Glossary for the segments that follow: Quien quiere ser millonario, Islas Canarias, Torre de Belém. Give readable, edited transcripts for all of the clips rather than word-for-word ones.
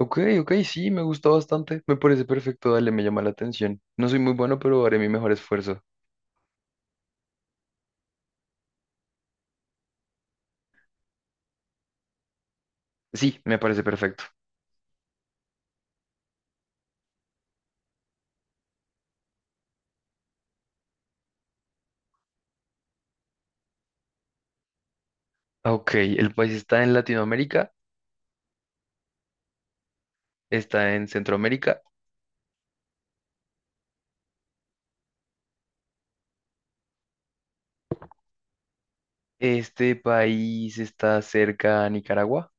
Ok, ok, sí, me gusta bastante. Me parece perfecto, dale, me llama la atención. No soy muy bueno, pero haré mi mejor esfuerzo. Sí, me parece perfecto. Ah, ok, el país está en Latinoamérica, está en Centroamérica. Este país está cerca a Nicaragua.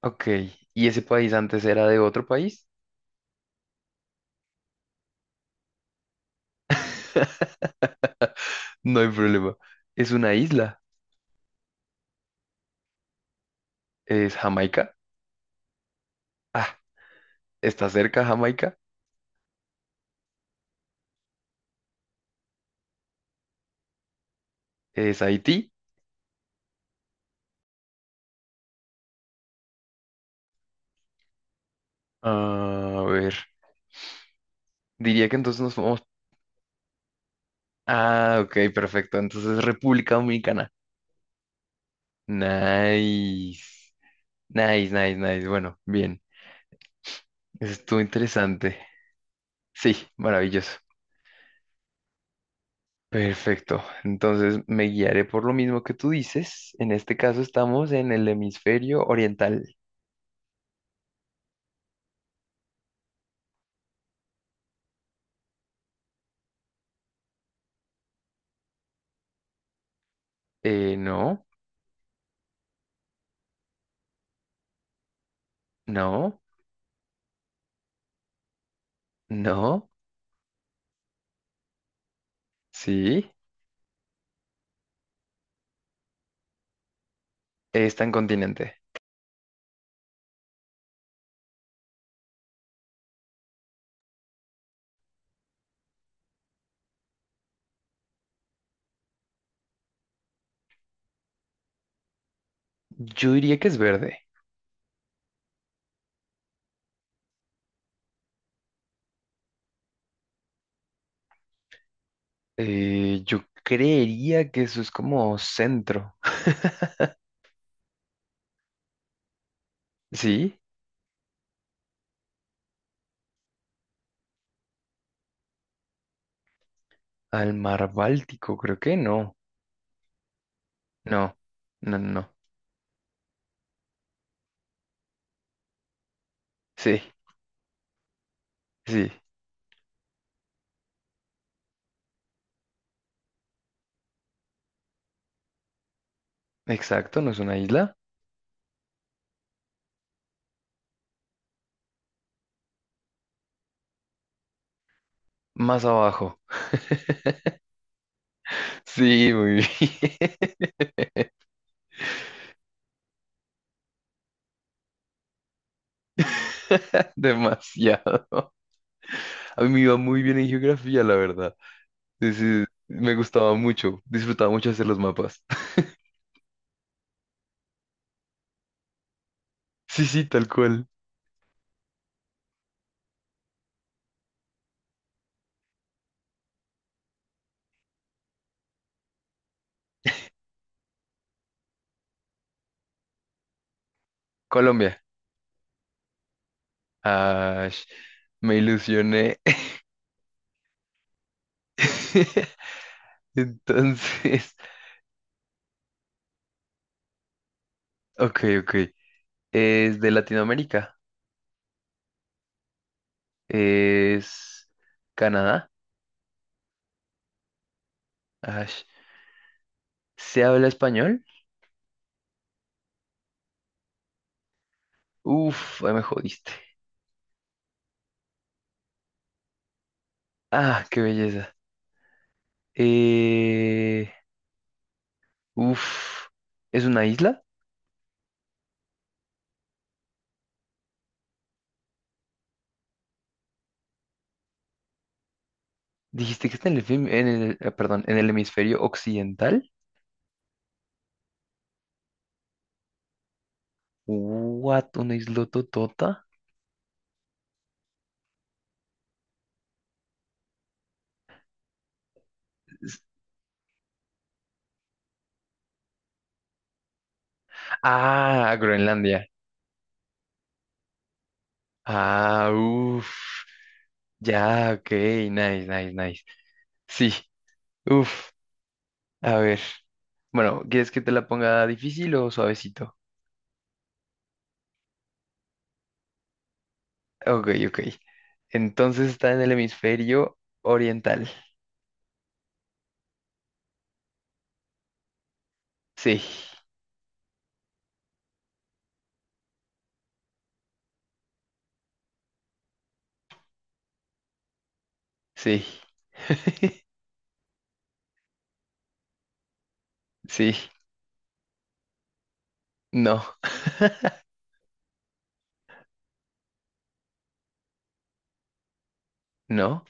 Ok, ¿y ese país antes era de otro país? No hay problema. Es una isla. Es Jamaica. Ah, está cerca Jamaica. Es Haití. A ver, diría que entonces nos vamos. Ah, ok, perfecto. Entonces, República Dominicana. Nice. Nice, nice, nice. Bueno, bien. Eso estuvo interesante. Sí, maravilloso. Perfecto. Entonces, me guiaré por lo mismo que tú dices. En este caso, estamos en el hemisferio oriental. No, no, no. Sí, está en continente. Yo diría que es verde. Yo creería que eso es como centro. Sí, al mar Báltico, creo que no. No, no, no. Sí, sí, exacto, no es una isla. Más abajo. Sí, muy bien. Demasiado. A mí me iba muy bien en geografía, la verdad. Sí, sí, me gustaba mucho, disfrutaba mucho hacer los mapas. Sí, sí, tal cual. Colombia. Ah, me ilusioné. Entonces, ok, ok. Es de Latinoamérica. Es Canadá. Ash. ¿Se habla español? Uf, ahí me jodiste. Ah, qué belleza. Eh, uf, ¿Es una isla? Dijiste que está en el, fem- en el, perdón, en el hemisferio occidental. What, una isla totota. Ah, Groenlandia. Ah, uff. Ya, ok, nice, nice, nice. Sí, uff. A ver. Bueno, ¿quieres que te la ponga difícil o suavecito? Ok, ok. Entonces está en el hemisferio oriental. Sí. Sí, sí, no, no,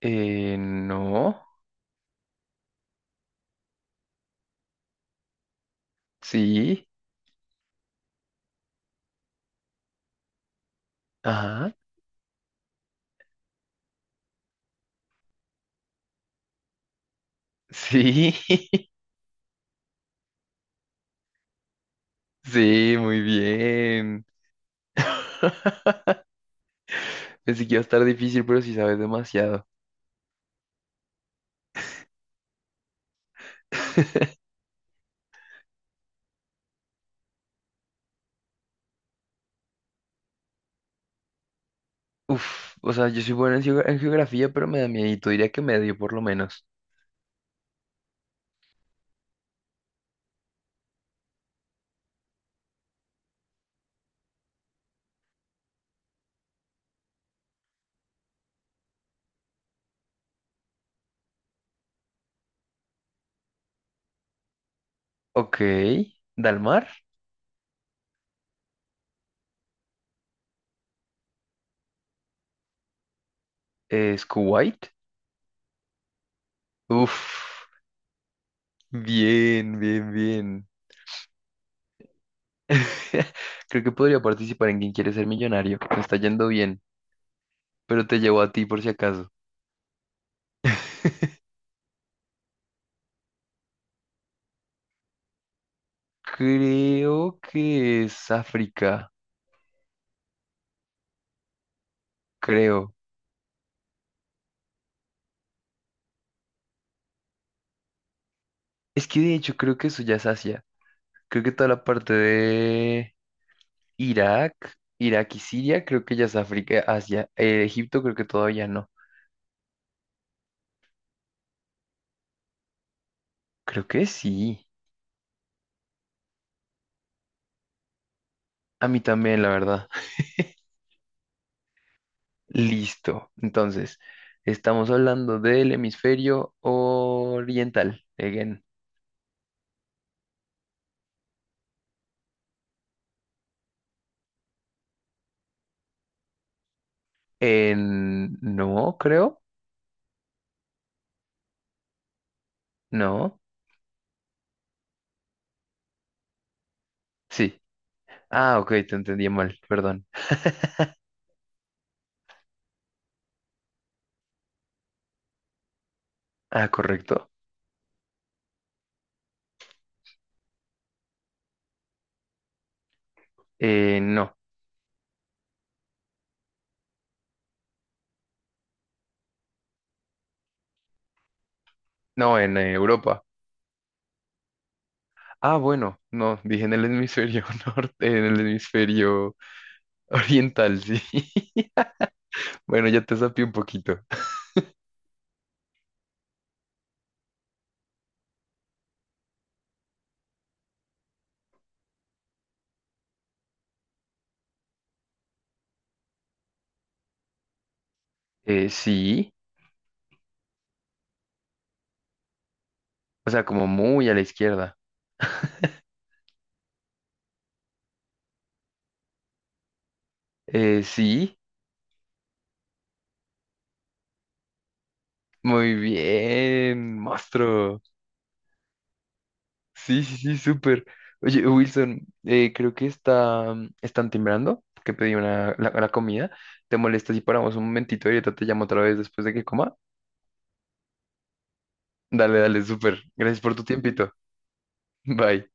no, sí, ajá, sí, sí, muy bien. Pensé que iba a estar difícil, pero sí sabes demasiado. Uf, o sea, yo soy bueno en, geo- en geografía, pero me da miedito, diría que medio por lo menos. Ok, Dalmar, es Kuwait. Uf, bien, bien, bien. Creo que podría participar en Quien quiere ser millonario. Me está yendo bien. Pero te llevo a ti por si acaso. Creo que es África, creo. Es que de hecho creo que eso ya es Asia. Creo que toda la parte de Irak, Irak y Siria, creo que ya es África, Asia. Egipto creo que todavía no. Creo que sí. A mí también, la verdad. Listo. Entonces, estamos hablando del hemisferio oriental. Again. En... No, creo. No. Sí. Ah, ok, te entendí mal. Perdón. Ah, correcto. No, no, en Europa. Ah, bueno, no, dije en el hemisferio norte, en el hemisferio oriental, sí. Bueno, ya te sapié un poquito. Sí, o sea, como muy a la izquierda. Sí, muy bien, monstruo. Sí, sí, sí, súper. Oye, Wilson, creo que está, están timbrando, que pedí una, la comida. ¿Te molesta si paramos un momentito y ahorita te llamo otra vez después de que coma? Dale, dale, súper. Gracias por tu tiempito. Bye.